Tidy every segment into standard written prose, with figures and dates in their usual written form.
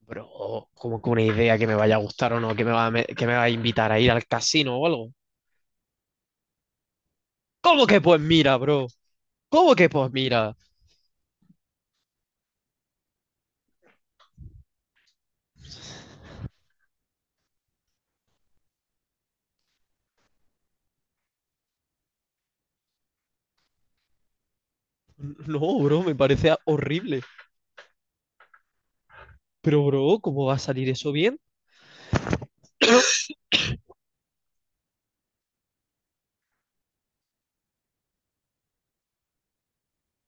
Bro, como que una idea que me vaya a gustar o no, que me va a, me- que me va a invitar a ir al casino o algo. ¿Cómo que pues mira, bro? ¿Cómo que pues mira? No, bro, me parece horrible. Pero, bro, ¿cómo va a salir eso bien?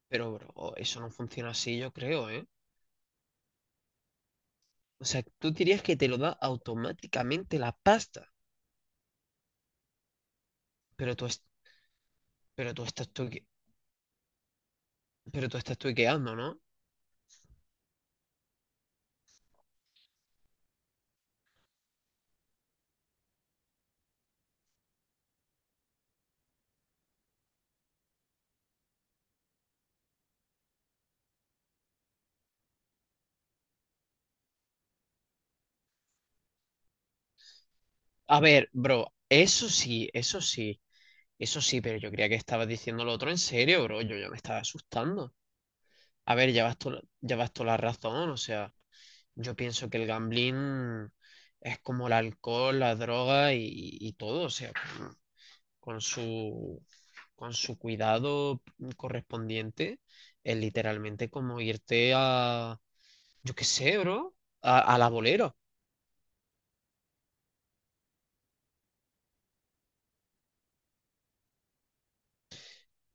Pero, bro, eso no funciona así, yo creo, ¿eh? O sea, tú dirías que te lo da automáticamente la pasta, pero tú, es- pero tú estás tuque- pero tú estás tuiqueando, ¿no? A ver, bro, eso sí, eso sí, eso sí, pero yo creía que estabas diciendo lo otro en serio, bro. Yo ya me estaba asustando. A ver, llevas toda la razón, o sea, yo pienso que el gambling es como el alcohol, la droga y todo, o sea, con su, con su cuidado correspondiente, es literalmente como irte a, yo qué sé, bro, a la bolera.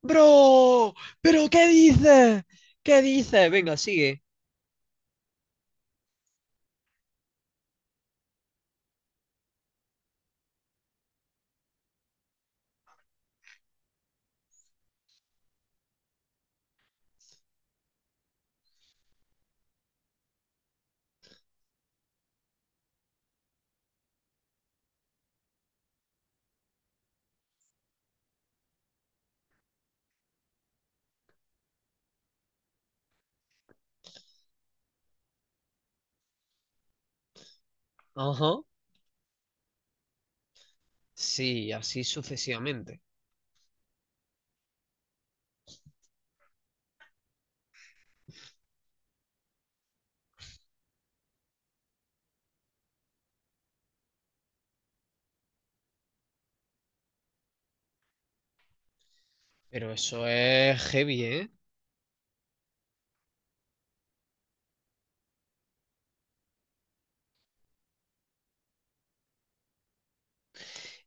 Bro, pero ¿qué dices? ¿Qué dices? Venga, sigue. Ajá. Sí, así sucesivamente. Pero eso es heavy, ¿eh?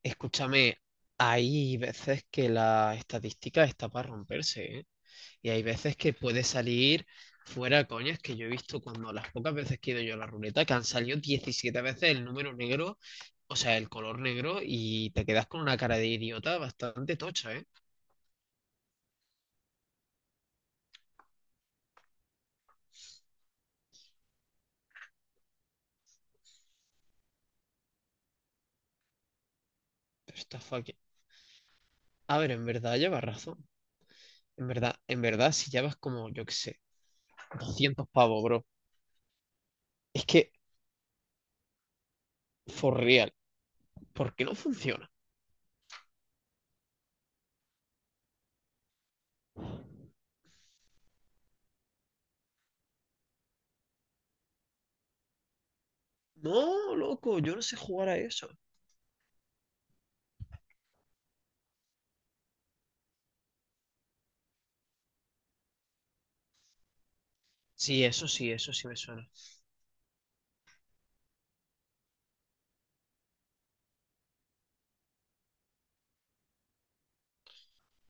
Escúchame, hay veces que la estadística está para romperse, ¿eh? Y hay veces que puede salir fuera, coñas, que yo he visto cuando las pocas veces que he ido yo a la ruleta, que han salido 17 veces el número negro, o sea, el color negro, y te quedas con una cara de idiota bastante tocha, ¿eh? Pero está fucking... A ver, en verdad lleva razón. En verdad, si llevas como, yo qué sé, 200 pavos, bro. Es que, for real, ¿por qué no funciona? No, loco, yo no sé jugar a eso. Sí, eso sí, eso sí me suena.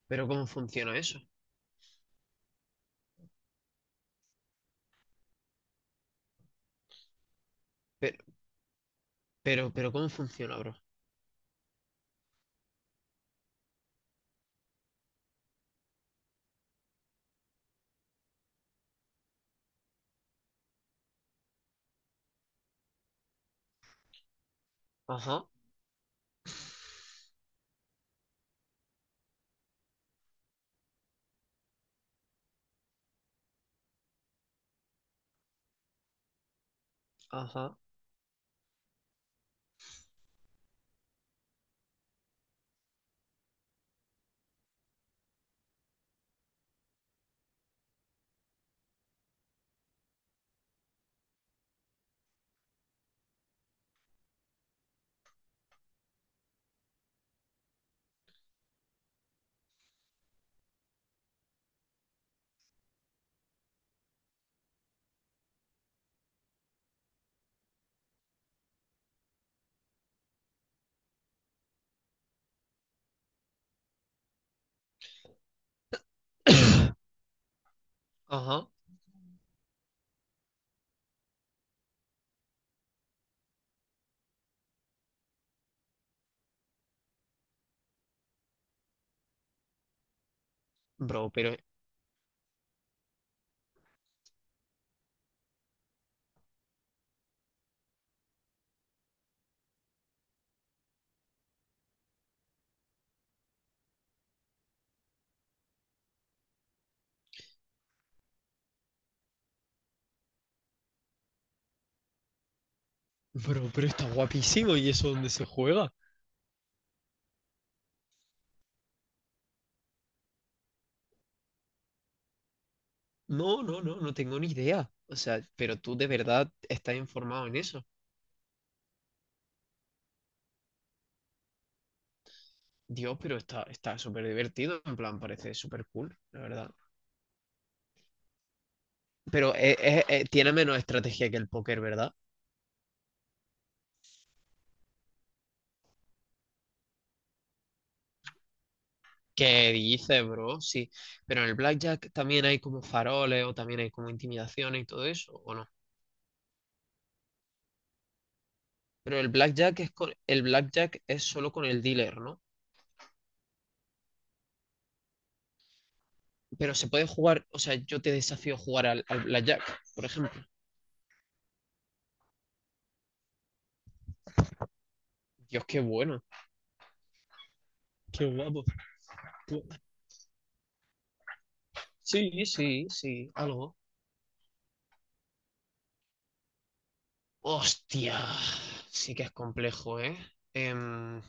Pero ¿cómo funciona eso? Pero, pero ¿cómo funciona, bro? Ajá, ajá, ajá. Bro, pero, bro, pero está guapísimo y eso dónde se juega. No, no, no, no tengo ni idea. O sea, pero tú de verdad estás informado en eso. Dios, pero está súper divertido, en plan, parece súper cool, la verdad. Pero tiene menos estrategia que el póker, ¿verdad? Que dice, bro, sí. Pero en el blackjack también hay como faroles o también hay como intimidaciones y todo eso, ¿o no? Pero el blackjack es con, el blackjack es solo con el dealer, ¿no? Pero se puede jugar, o sea, yo te desafío a jugar al, al blackjack, por ejemplo. Dios, qué bueno. Qué guapo. Pu- Sí, sí, sí, algo. Hostia, sí que es complejo, ¿eh? Em,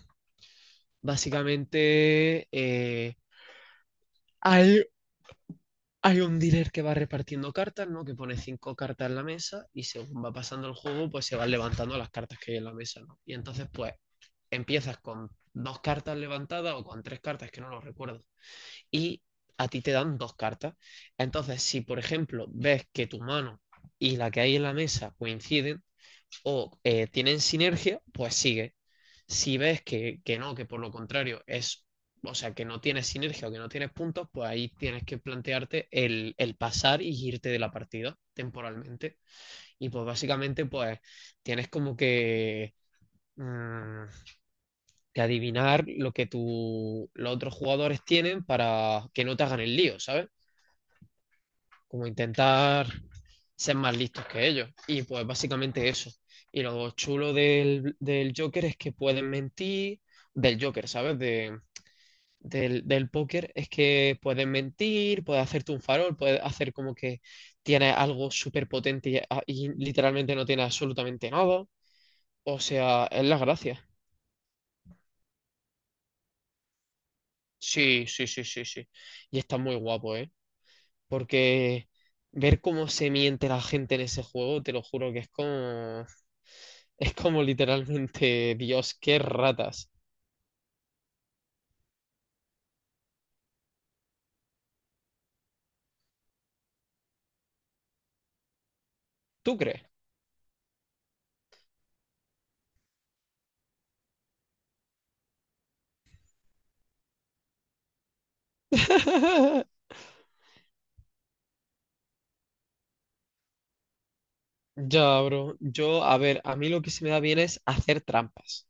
básicamente, hay un dealer que va repartiendo cartas, ¿no? Que pone cinco cartas en la mesa y según va pasando el juego, pues se van levantando las cartas que hay en la mesa, ¿no? Y entonces, pues, empiezas con dos cartas levantadas o con tres cartas, que no lo recuerdo. Y a ti te dan dos cartas. Entonces, si por ejemplo ves que tu mano y la que hay en la mesa coinciden, o tienen sinergia, pues sigue. Si ves que no, que por lo contrario es, o sea, que no tienes sinergia o que no tienes puntos, pues ahí tienes que plantearte el pasar y irte de la partida temporalmente. Y pues básicamente, pues tienes como que, mm, que adivinar lo que los otros jugadores tienen para que no te hagan el lío, ¿sabes? Como intentar ser más listos que ellos. Y pues básicamente eso. Y lo chulo del Joker es que pueden mentir, del Joker, ¿sabes? Del póker es que pueden mentir, puedes hacerte un farol, puedes hacer como que tienes algo súper potente y literalmente no tienes absolutamente nada. O sea, es la gracia. Sí, sí, sí, sí, sí. Y está muy guapo, ¿eh? Porque ver cómo se miente la gente en ese juego, te lo juro que es como... Es como literalmente, Dios, qué ratas. ¿Tú crees? Ya, bro. Yo, a ver, a mí lo que se me da bien es hacer trampas.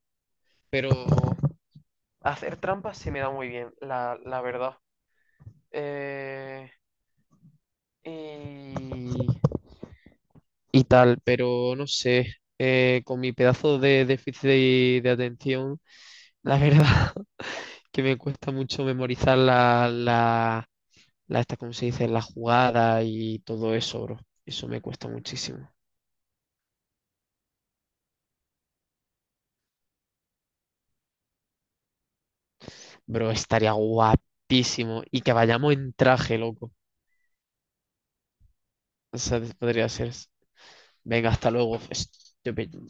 Pero hacer trampas se me da muy bien, la verdad. Eh, y... y tal, pero no sé. Con mi pedazo de déficit de atención, la verdad que me cuesta mucho memorizar esta, ¿cómo se dice? La jugada y todo eso, bro. Eso me cuesta muchísimo. Bro, estaría guapísimo. Y que vayamos en traje, loco. O sea, podría ser. Venga, hasta luego. Estúpido.